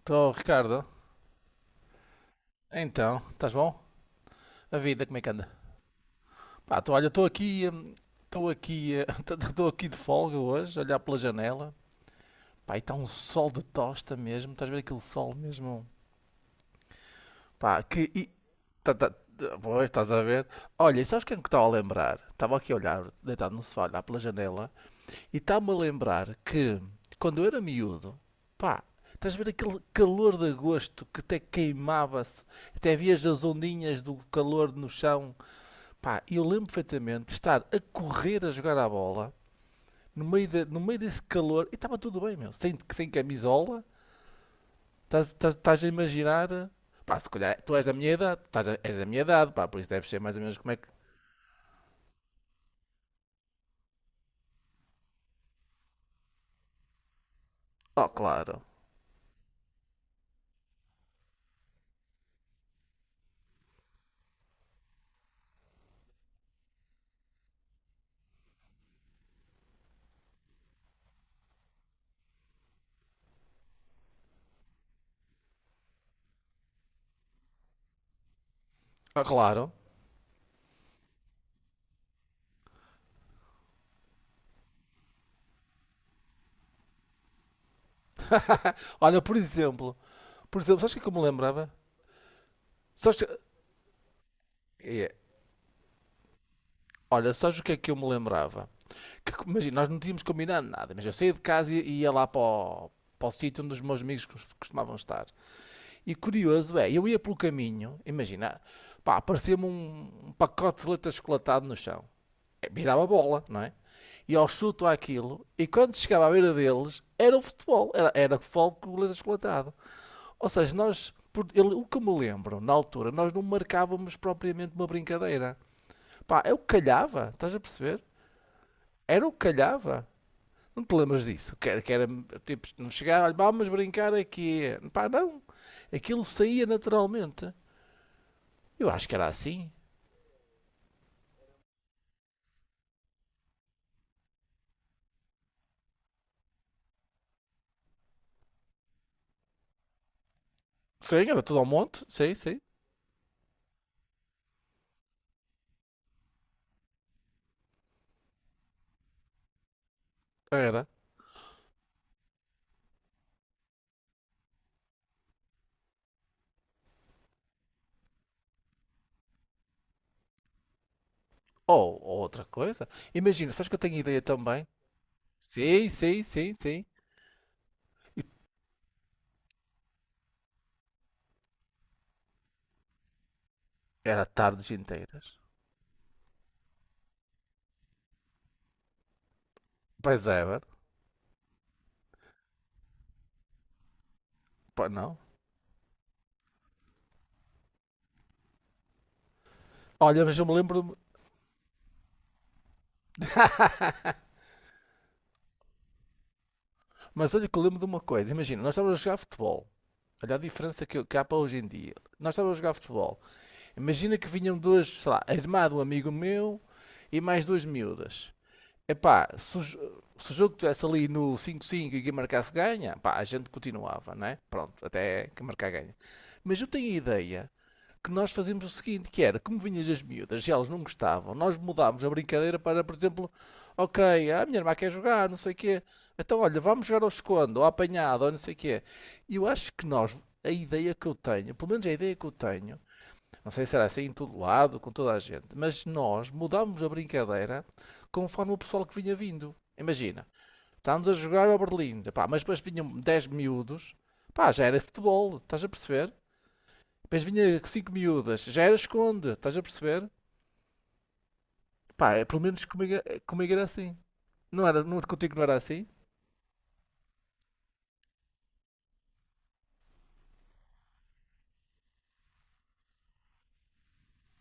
Estou, Ricardo. Então, estás bom? A vida, como é que anda? Pá, tô, olha, estou aqui de folga hoje, a olhar pela janela. Pá, e está um sol de tosta mesmo, estás a ver aquele sol mesmo? Pá, que. E, pois, estás a ver? Olha, e sabes quem é que estava a lembrar? Estava aqui a olhar, deitado no sofá, a olhar pela janela, e está-me a lembrar que, quando eu era miúdo, pá, estás a ver aquele calor de agosto que até queimava-se, até havia as ondinhas do calor no chão. Pá, eu lembro perfeitamente de estar a correr a jogar a bola no meio, no meio desse calor e estava tudo bem, meu. Sem, sem camisola, estás a imaginar. Pá, se calhar tu és da minha idade, és da minha idade, pá, por isso deves ser mais ou menos como é que. Oh, claro. Oh, claro. Olha, por exemplo, sabes o que é que eu me lembrava? Sabes que- é, olha, sabes o que é que eu me lembrava? Que, imagina, nós não tínhamos combinado nada, mas eu saía de casa e ia lá para o, para o sítio onde os meus amigos costumavam estar. E curioso é, eu ia pelo caminho, imagina, pá, aparecia-me um pacote de leite achocolatado no chão. Eh, virava bola, não é? E ao chuto aquilo e quando chegava à beira deles, era o futebol, era, era futebol com o leite achocolatado. Ou seja, nós, o que me lembro, na altura, nós não marcávamos propriamente uma brincadeira. Pá, é o que calhava, estás a perceber? Era o que calhava. Não te lembras disso? Que era tipo, não chegava, olha, vamos brincar aqui. Pá, não. Aquilo saía naturalmente. Eu acho que era assim. Sim, era tudo ao monte. Sim, sim. Era. Ou outra coisa. Imagina, sabes que eu tenho ideia também? Sim, sim, sim, sim. Era tardes inteiras. Pois é, mano. Pá, não. Olha, mas eu me lembro. De- Mas olha que eu lembro de uma coisa. Imagina, nós estávamos a jogar futebol. Olha a diferença que há para hoje em dia. Nós estávamos a jogar futebol. Imagina que vinham duas, sei lá, a irmã de um amigo meu e mais duas miúdas. Epá, se o jogo estivesse ali no cinco cinco e quem marcasse ganha, pá, a gente continuava, não é? Pronto, até que marcar ganha. Mas eu tenho a ideia que nós fazíamos o seguinte, que era, como vinhas as miúdas e elas não gostavam, nós mudámos a brincadeira para, por exemplo, ok, "Ah, a minha irmã quer jogar, não sei o quê, então olha, vamos jogar ao escondo, ou à apanhada, ou não sei o quê." E eu acho que nós, a ideia que eu tenho, pelo menos a ideia que eu tenho, não sei se era assim em todo lado, com toda a gente. Mas nós mudámos a brincadeira conforme o pessoal que vinha vindo. Imagina, estávamos a jogar ao Berlim, pá, mas depois vinham 10 miúdos, pá, já era futebol, estás a perceber? Depois vinha 5 miúdas, já era esconde, estás a perceber? Pá, é, pelo menos comigo, é, comigo era assim. Não era, não, contigo não era assim?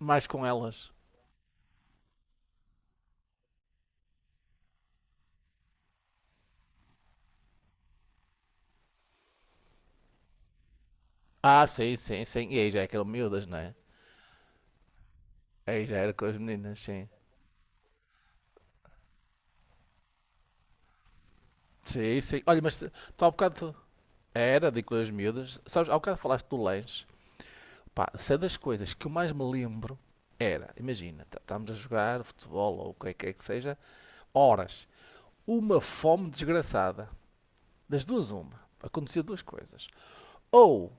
Mais com elas. Ah, sim, sim, sim. E aí já é que eram miúdas, não é? Aí já era com as meninas, sim. Sim, sim. Olha, mas tu há bocado, era de coisas miúdas. Sabes, ao bocado falaste do lanche. Pá, se é das coisas que eu mais me lembro era, imagina, estamos a jogar futebol ou o que é que é que seja, horas. Uma fome desgraçada. Das duas, uma. Acontecia duas coisas. Ou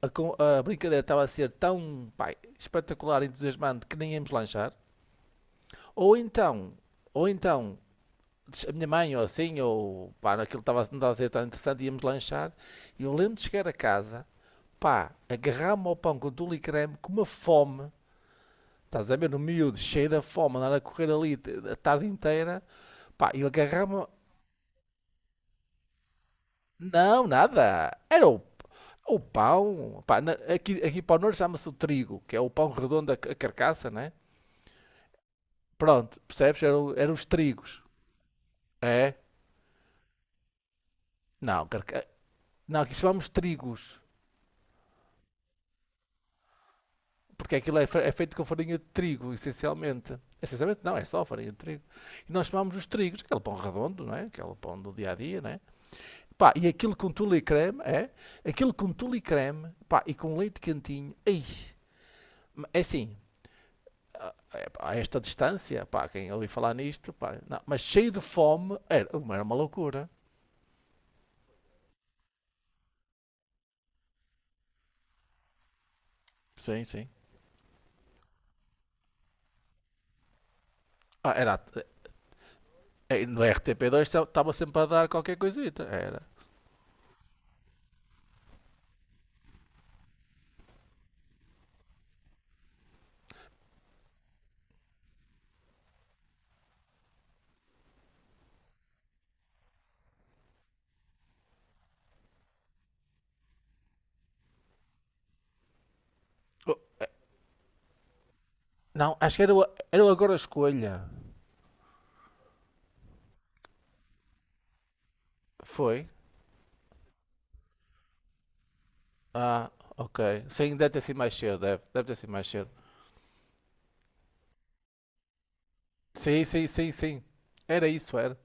a, a brincadeira estava a ser tão, pá, espetacular, e entusiasmante que nem íamos lanchar. Ou então, ou então, a minha mãe ou assim, ou pá, aquilo estava, não estava a ser tão interessante, íamos lanchar. E eu lembro de chegar a casa pá, agarrar-me ao pão com tule e creme, com uma fome, estás a ver, no miúdo, cheio da fome, andar a correr ali a tarde inteira, pá, eu agarrar-me, não, nada, era o pão, pá, aqui, aqui para o norte chama-se o trigo, que é o pão redondo, a carcaça, né? Pronto, percebes, eram, eram os trigos, é, não, carca... não, aqui chamamos trigos, porque aquilo é, é feito com farinha de trigo, essencialmente. Essencialmente não, é só farinha de trigo. E nós chamamos os trigos, aquele pão redondo, não é? Aquele pão do dia a dia, né. Pá, e aquilo com tule e creme, é? Aquilo com tule e creme, pá, e com leite quentinho. Ei, é assim, é, esta distância, pá, quem ouvi falar nisto, pá, não, mas cheio de fome, era, era uma loucura. Sim, sim. Ah, era, no RTP2 estava sempre a dar qualquer coisita, era. Oh, não, acho que era o, era o Agora Escolha. Foi? Ah, ok. Sim, deve ter sido mais cedo, deve, deve ter sido mais cedo. Sim, sim, sim, sim. Era isso, era.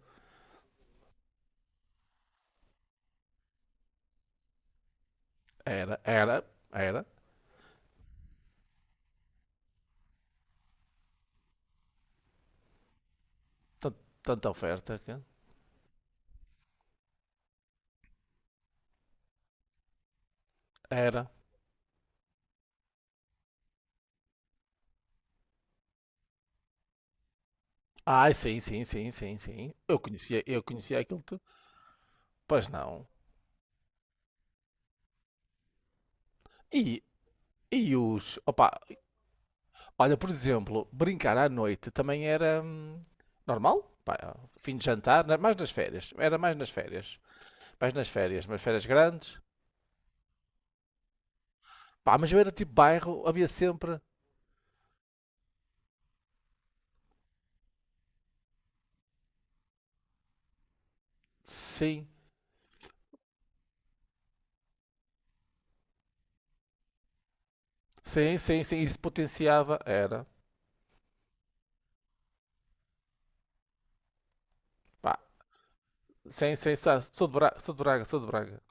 Era, era, era. Tan- Tanta oferta que era. Ai, sim, sim, sim, sim, sim. Eu conhecia aquilo tudo. Pois não. E, e os. Opa, olha, por exemplo, brincar à noite também era normal. Pá, fim de jantar, mais nas férias. Era mais nas férias. Mais nas férias, mas férias grandes. Pá, mas eu era tipo bairro, havia sempre. Sim, sim, sim, sim. Isso potenciava. Era. Pá, sim, sim, sou de Braga, sou de Braga, sou de Braga.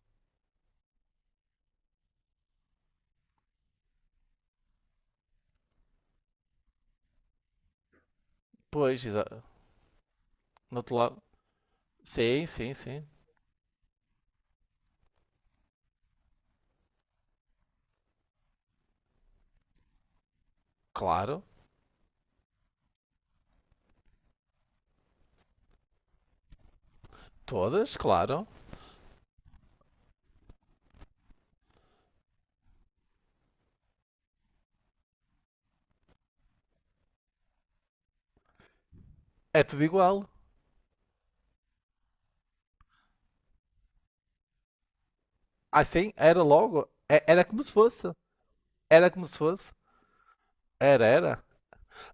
Pois, exato. No outro lado. Sim, sim, sim. Claro, todas, claro. É tudo igual. Assim, era logo. Era como se fosse. Era como se fosse. Era, era.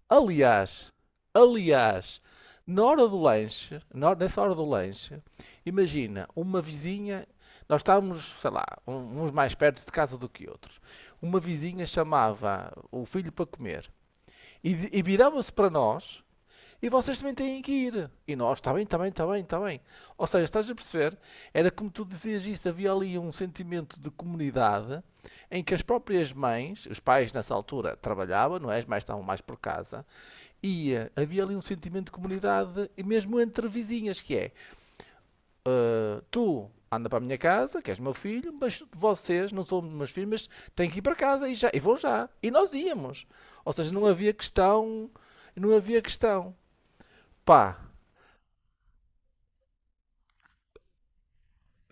Aliás, aliás, na hora do lanche, nessa hora do lanche, imagina, uma vizinha. Nós estávamos, sei lá, uns mais perto de casa do que outros. Uma vizinha chamava o filho para comer e, e virava-se para nós. E vocês também têm que ir. E nós, está bem, está bem, está bem, está bem. Ou seja, estás a perceber? Era como tu dizias isso, havia ali um sentimento de comunidade em que as próprias mães, os pais nessa altura trabalhavam, não é? As mães estavam mais por casa, e havia ali um sentimento de comunidade, e mesmo entre vizinhas, que é eh, tu anda para a minha casa, que és meu filho, mas vocês não são meus filhos, mas têm que ir para casa e já, e vão já. E nós íamos. Ou seja, não havia questão, não havia questão. Pá,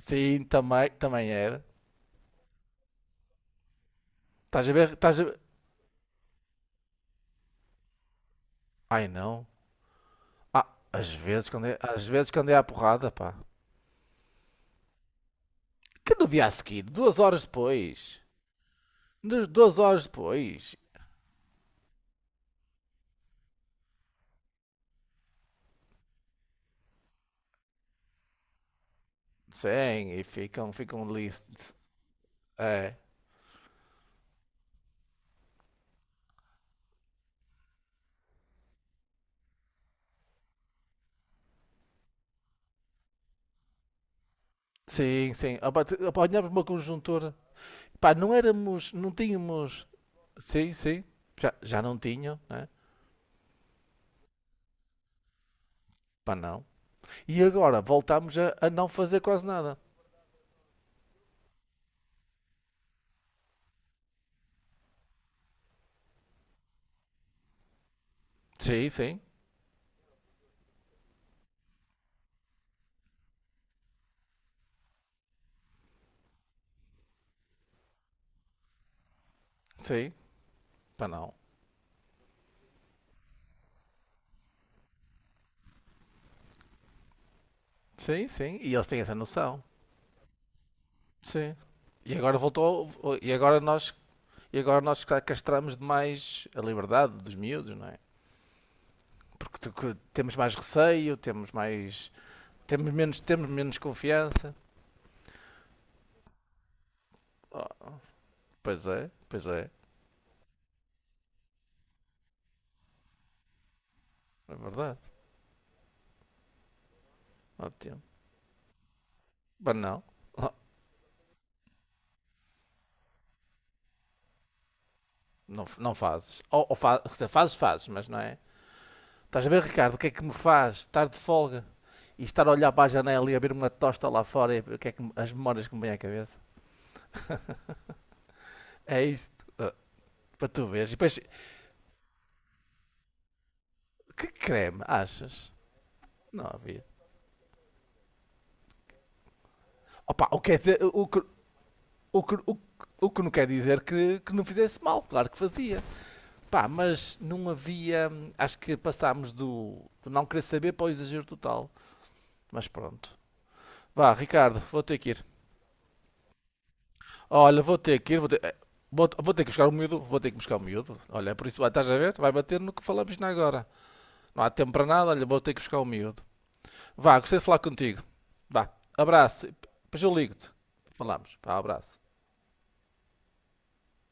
sim, também, também era. Estás a ver? Estás a... ver. Ai não. Ah, às vezes que andei, às vezes que andei à porrada, pá. Que no dia a seguir, duas horas depois. Duas horas depois. Sim, e ficam, ficam listos. É. Sim, sim. Opa, opa, apanhámos uma conjuntura. Pá, não éramos, não tínhamos. Sim, sim. Já, já não tinham, né? Pá, não. E agora voltámos a não fazer quase nada. Sim, sim, sim. Pá, não. Sim, sim. E eles têm essa noção. Sim. E agora voltou. E agora nós, castramos demais a liberdade dos miúdos, não é? Porque temos mais receio, temos mais. Temos menos confiança. Oh, pois é, é verdade. Ótimo. Mas não, oh, não, não fazes. Ou, quer dizer, fazes, fazes, mas não é? Estás a ver, Ricardo, o que é que me faz estar de folga e estar a olhar para a janela e a ver uma tosta lá fora e o que é as memórias que me vêm à cabeça? É isto. Ah, para tu veres. E depois, que creme, achas? Não havia. Opa, o que é dizer, o, que- o, que- o que não quer dizer que não fizesse mal, claro que fazia. Pá, mas não havia. Acho que passámos do, do não querer saber para o exagero total. Mas pronto. Vá, Ricardo, vou ter que ir. Olha, vou ter que ir, vou ter. Vou, vou ter que buscar o miúdo, vou ter que buscar o miúdo. Olha, por isso, ah, estás a ver? Vai bater no que falamos na agora. Não há tempo para nada, olha, vou ter que buscar o miúdo. Vá, gostei de falar contigo. Vá, abraço. Depois eu ligo-te. Falamos. Vá, abraço.